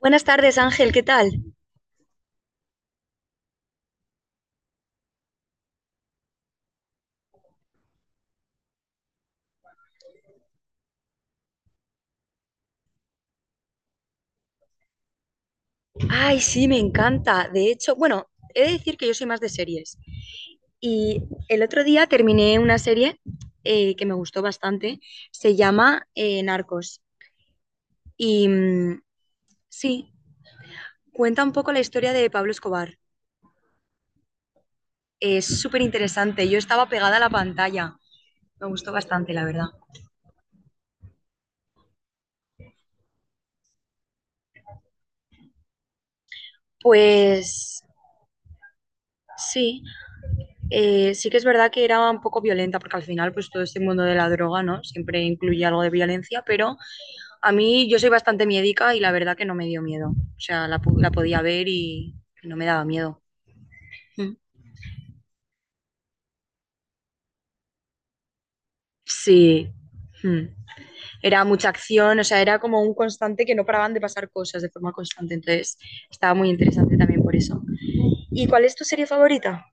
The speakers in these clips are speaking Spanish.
Buenas tardes, Ángel, ¿qué tal? Ay, sí, me encanta. De hecho, bueno, he de decir que yo soy más de series. Y el otro día terminé una serie que me gustó bastante. Se llama Narcos. Y sí, cuenta un poco la historia de Pablo Escobar. Es súper interesante. Yo estaba pegada a la pantalla. Me gustó bastante, la verdad. Pues sí, sí que es verdad que era un poco violenta, porque al final, pues todo este mundo de la droga, ¿no? Siempre incluye algo de violencia, pero a mí, yo soy bastante miedica y la verdad que no me dio miedo. O sea, la podía ver y no me daba miedo. Mm. Sí. Mm. Era mucha acción, o sea, era como un constante que no paraban de pasar cosas de forma constante. Entonces, estaba muy interesante también por eso. ¿Y cuál es tu serie favorita?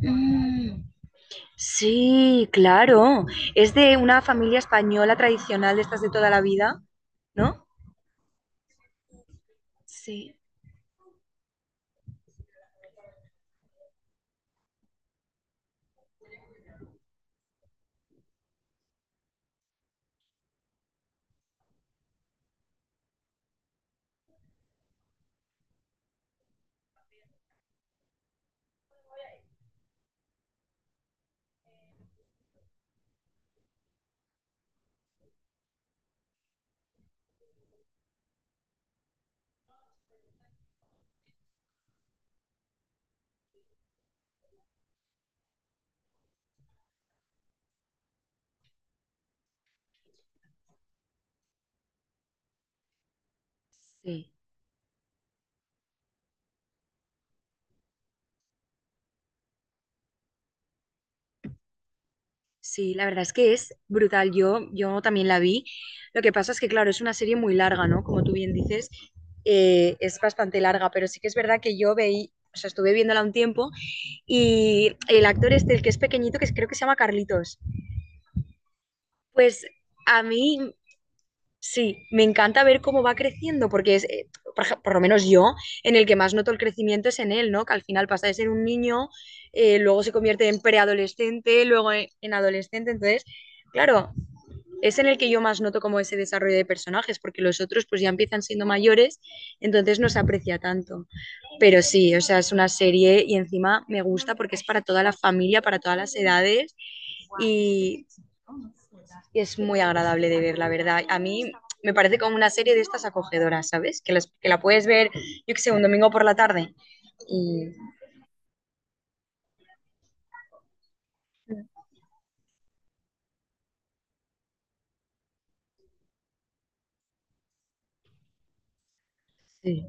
Mm. Sí, claro. Es de una familia española tradicional de estas de toda la vida, ¿no? Sí, sí. Sí, la verdad es que es brutal. Yo también la vi. Lo que pasa es que, claro, es una serie muy larga, ¿no? Como tú bien dices, es bastante larga, pero sí que es verdad que yo veí, o sea, estuve viéndola un tiempo y el actor este, el que es pequeñito, que creo que se llama Carlitos, pues a mí sí, me encanta ver cómo va creciendo, porque es, por lo menos yo, en el que más noto el crecimiento es en él, ¿no? Que al final pasa de ser un niño, luego se convierte en preadolescente, luego en adolescente, entonces, claro, es en el que yo más noto como ese desarrollo de personajes, porque los otros pues ya empiezan siendo mayores, entonces no se aprecia tanto. Pero sí, o sea, es una serie y encima me gusta porque es para toda la familia, para todas las edades y es muy agradable de ver, la verdad. A mí me parece como una serie de estas acogedoras, ¿sabes? Que la puedes ver, yo que sé, un domingo por la tarde. Y sí.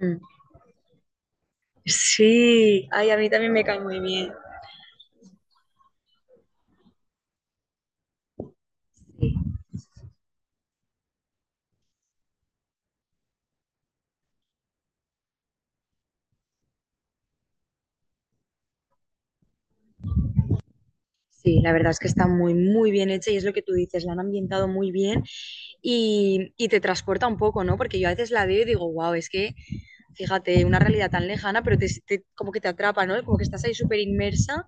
Mm. Sí. Ay, a mí también me cae muy bien. Sí. Sí, la verdad es que está muy, muy bien hecha y es lo que tú dices, la han ambientado muy bien y te transporta un poco, ¿no? Porque yo a veces la veo y digo, wow, es que, fíjate, una realidad tan lejana, pero como que te atrapa, ¿no? Como que estás ahí súper inmersa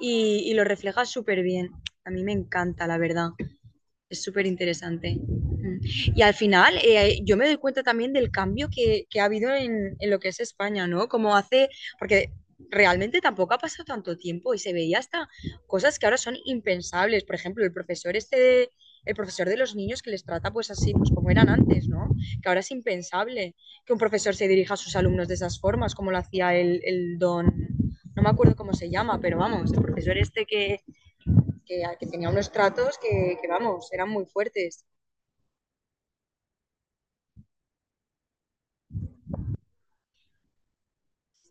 y lo reflejas súper bien. A mí me encanta, la verdad. Es súper interesante. Mm. Y al final, yo me doy cuenta también del cambio que ha habido en lo que es España, ¿no? Como hace, porque realmente tampoco ha pasado tanto tiempo y se veía hasta cosas que ahora son impensables. Por ejemplo, el profesor de los niños que les trata pues así, pues como eran antes, ¿no? Que ahora es impensable que un profesor se dirija a sus alumnos de esas formas, como lo hacía el don, no me acuerdo cómo se llama, pero vamos, el profesor este que tenía unos tratos que, vamos, eran muy fuertes.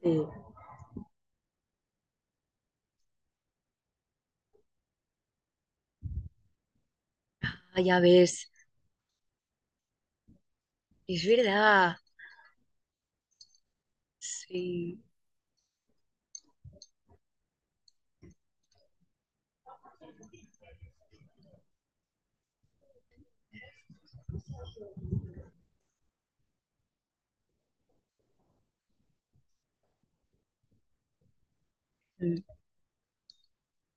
Sí. Ah, ya ves, es verdad, sí,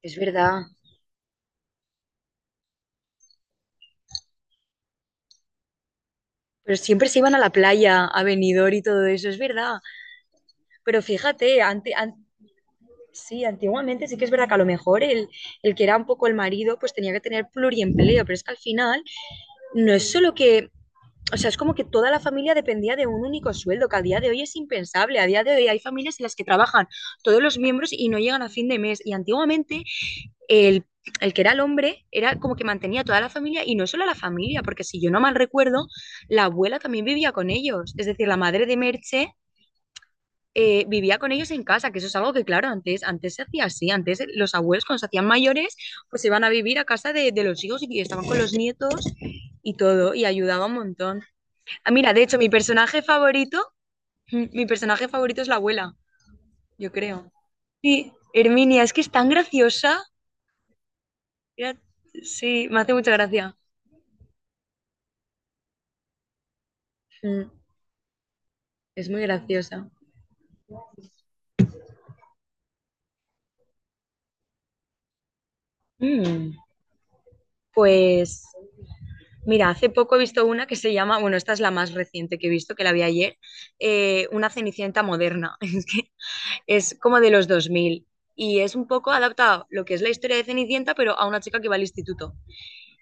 es verdad. Pero siempre se iban a la playa, a Benidorm y todo eso, es verdad. Pero fíjate, ante, ante sí, antiguamente sí que es verdad que a lo mejor que era un poco el marido pues tenía que tener pluriempleo, pero es que al final no es solo que, o sea, es como que toda la familia dependía de un único sueldo, que a día de hoy es impensable, a día de hoy hay familias en las que trabajan todos los miembros y no llegan a fin de mes, y antiguamente el, el que era el hombre era como que mantenía a toda la familia y no solo a la familia, porque si yo no mal recuerdo, la abuela también vivía con ellos, es decir, la madre de Merche vivía con ellos en casa, que eso es algo que, claro, antes, se hacía así, antes los abuelos cuando se hacían mayores, pues se iban a vivir a casa de los hijos y estaban con los nietos y todo, y ayudaba un montón. Ah, mira, de hecho, mi personaje favorito, es la abuela, yo creo. Sí, Herminia, es que es tan graciosa. Mira, sí, me hace mucha gracia. Mm, es muy graciosa. Mm, Pues mira, hace poco he visto una que se llama, bueno, esta es la más reciente que he visto, que la vi ayer, una Cenicienta moderna. Es que es como de los 2000 y es un poco adaptado lo que es la historia de Cenicienta, pero a una chica que va al instituto.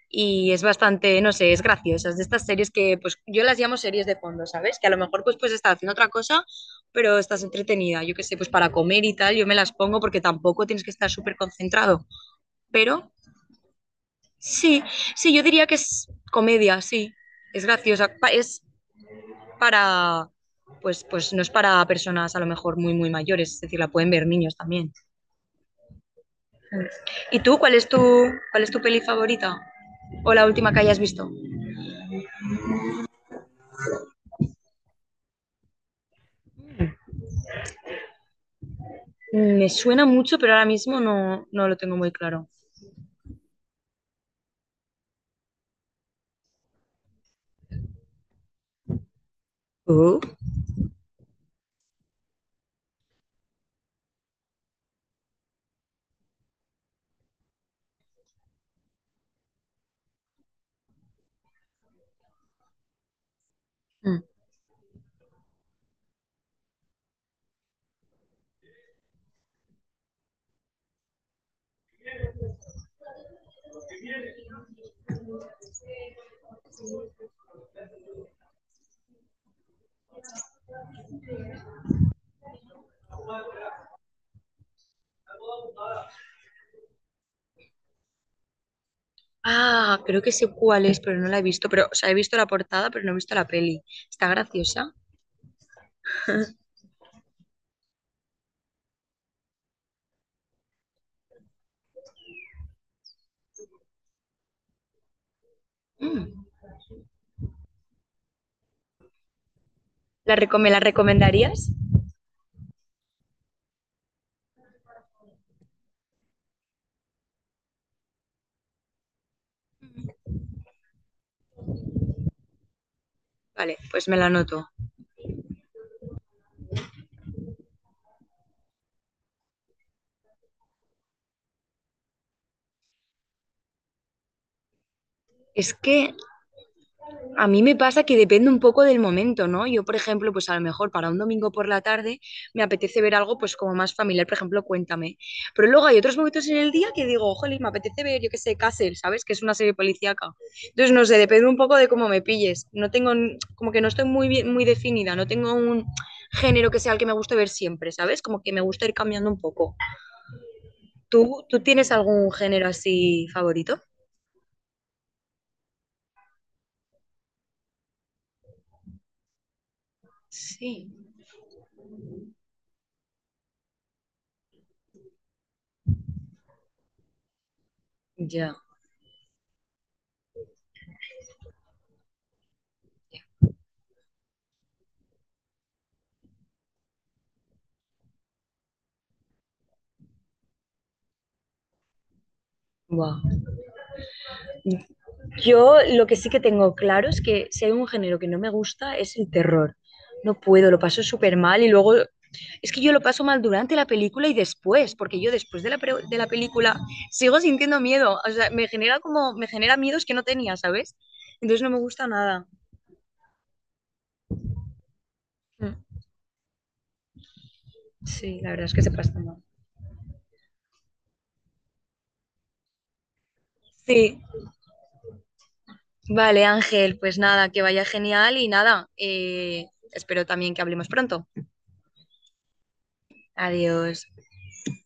Y es bastante, no sé, es graciosa, es de estas series que pues yo las llamo series de fondo, ¿sabes? Que a lo mejor pues estás haciendo otra cosa, pero estás entretenida, yo qué sé, pues para comer y tal, yo me las pongo porque tampoco tienes que estar súper concentrado, pero sí, sí, yo diría que es comedia, sí. Es graciosa. Es para, pues no es para personas a lo mejor muy, muy mayores, es decir, la pueden ver niños también. Mm. ¿Y tú, cuál es tu peli favorita? ¿O la última que hayas visto? Me suena mucho, pero ahora mismo no lo tengo muy claro. Oh. Mm. Ah, creo que sé cuál es, pero no la he visto. Pero, o sea, he visto la portada, pero no he visto la peli. Está graciosa. Mm. ¿Me la recomendarías? Vale, pues me la anoto. Es que a mí me pasa que depende un poco del momento, ¿no? Yo, por ejemplo, pues a lo mejor para un domingo por la tarde me apetece ver algo pues como más familiar, por ejemplo, Cuéntame. Pero luego hay otros momentos en el día que digo, jolín, me apetece ver, yo qué sé, Castle, ¿sabes? Que es una serie policíaca. Entonces, no sé, depende un poco de cómo me pilles. No tengo, como que no estoy muy bien, muy definida, no tengo un género que sea el que me guste ver siempre, ¿sabes? Como que me gusta ir cambiando un poco. ¿Tú tienes algún género así favorito? Sí. Ya. Wow. Yo lo que sí que tengo claro es que si hay un género que no me gusta es el terror. No puedo, lo paso súper mal y luego es que yo lo paso mal durante la película y después, porque yo después de de la película sigo sintiendo miedo. O sea, me genera miedos que no tenía, ¿sabes? Entonces no me gusta nada. Mm, Sí, la verdad es que se pasa mal. Sí, vale, Ángel, pues nada, que vaya genial y nada, espero también que hablemos pronto. Adiós.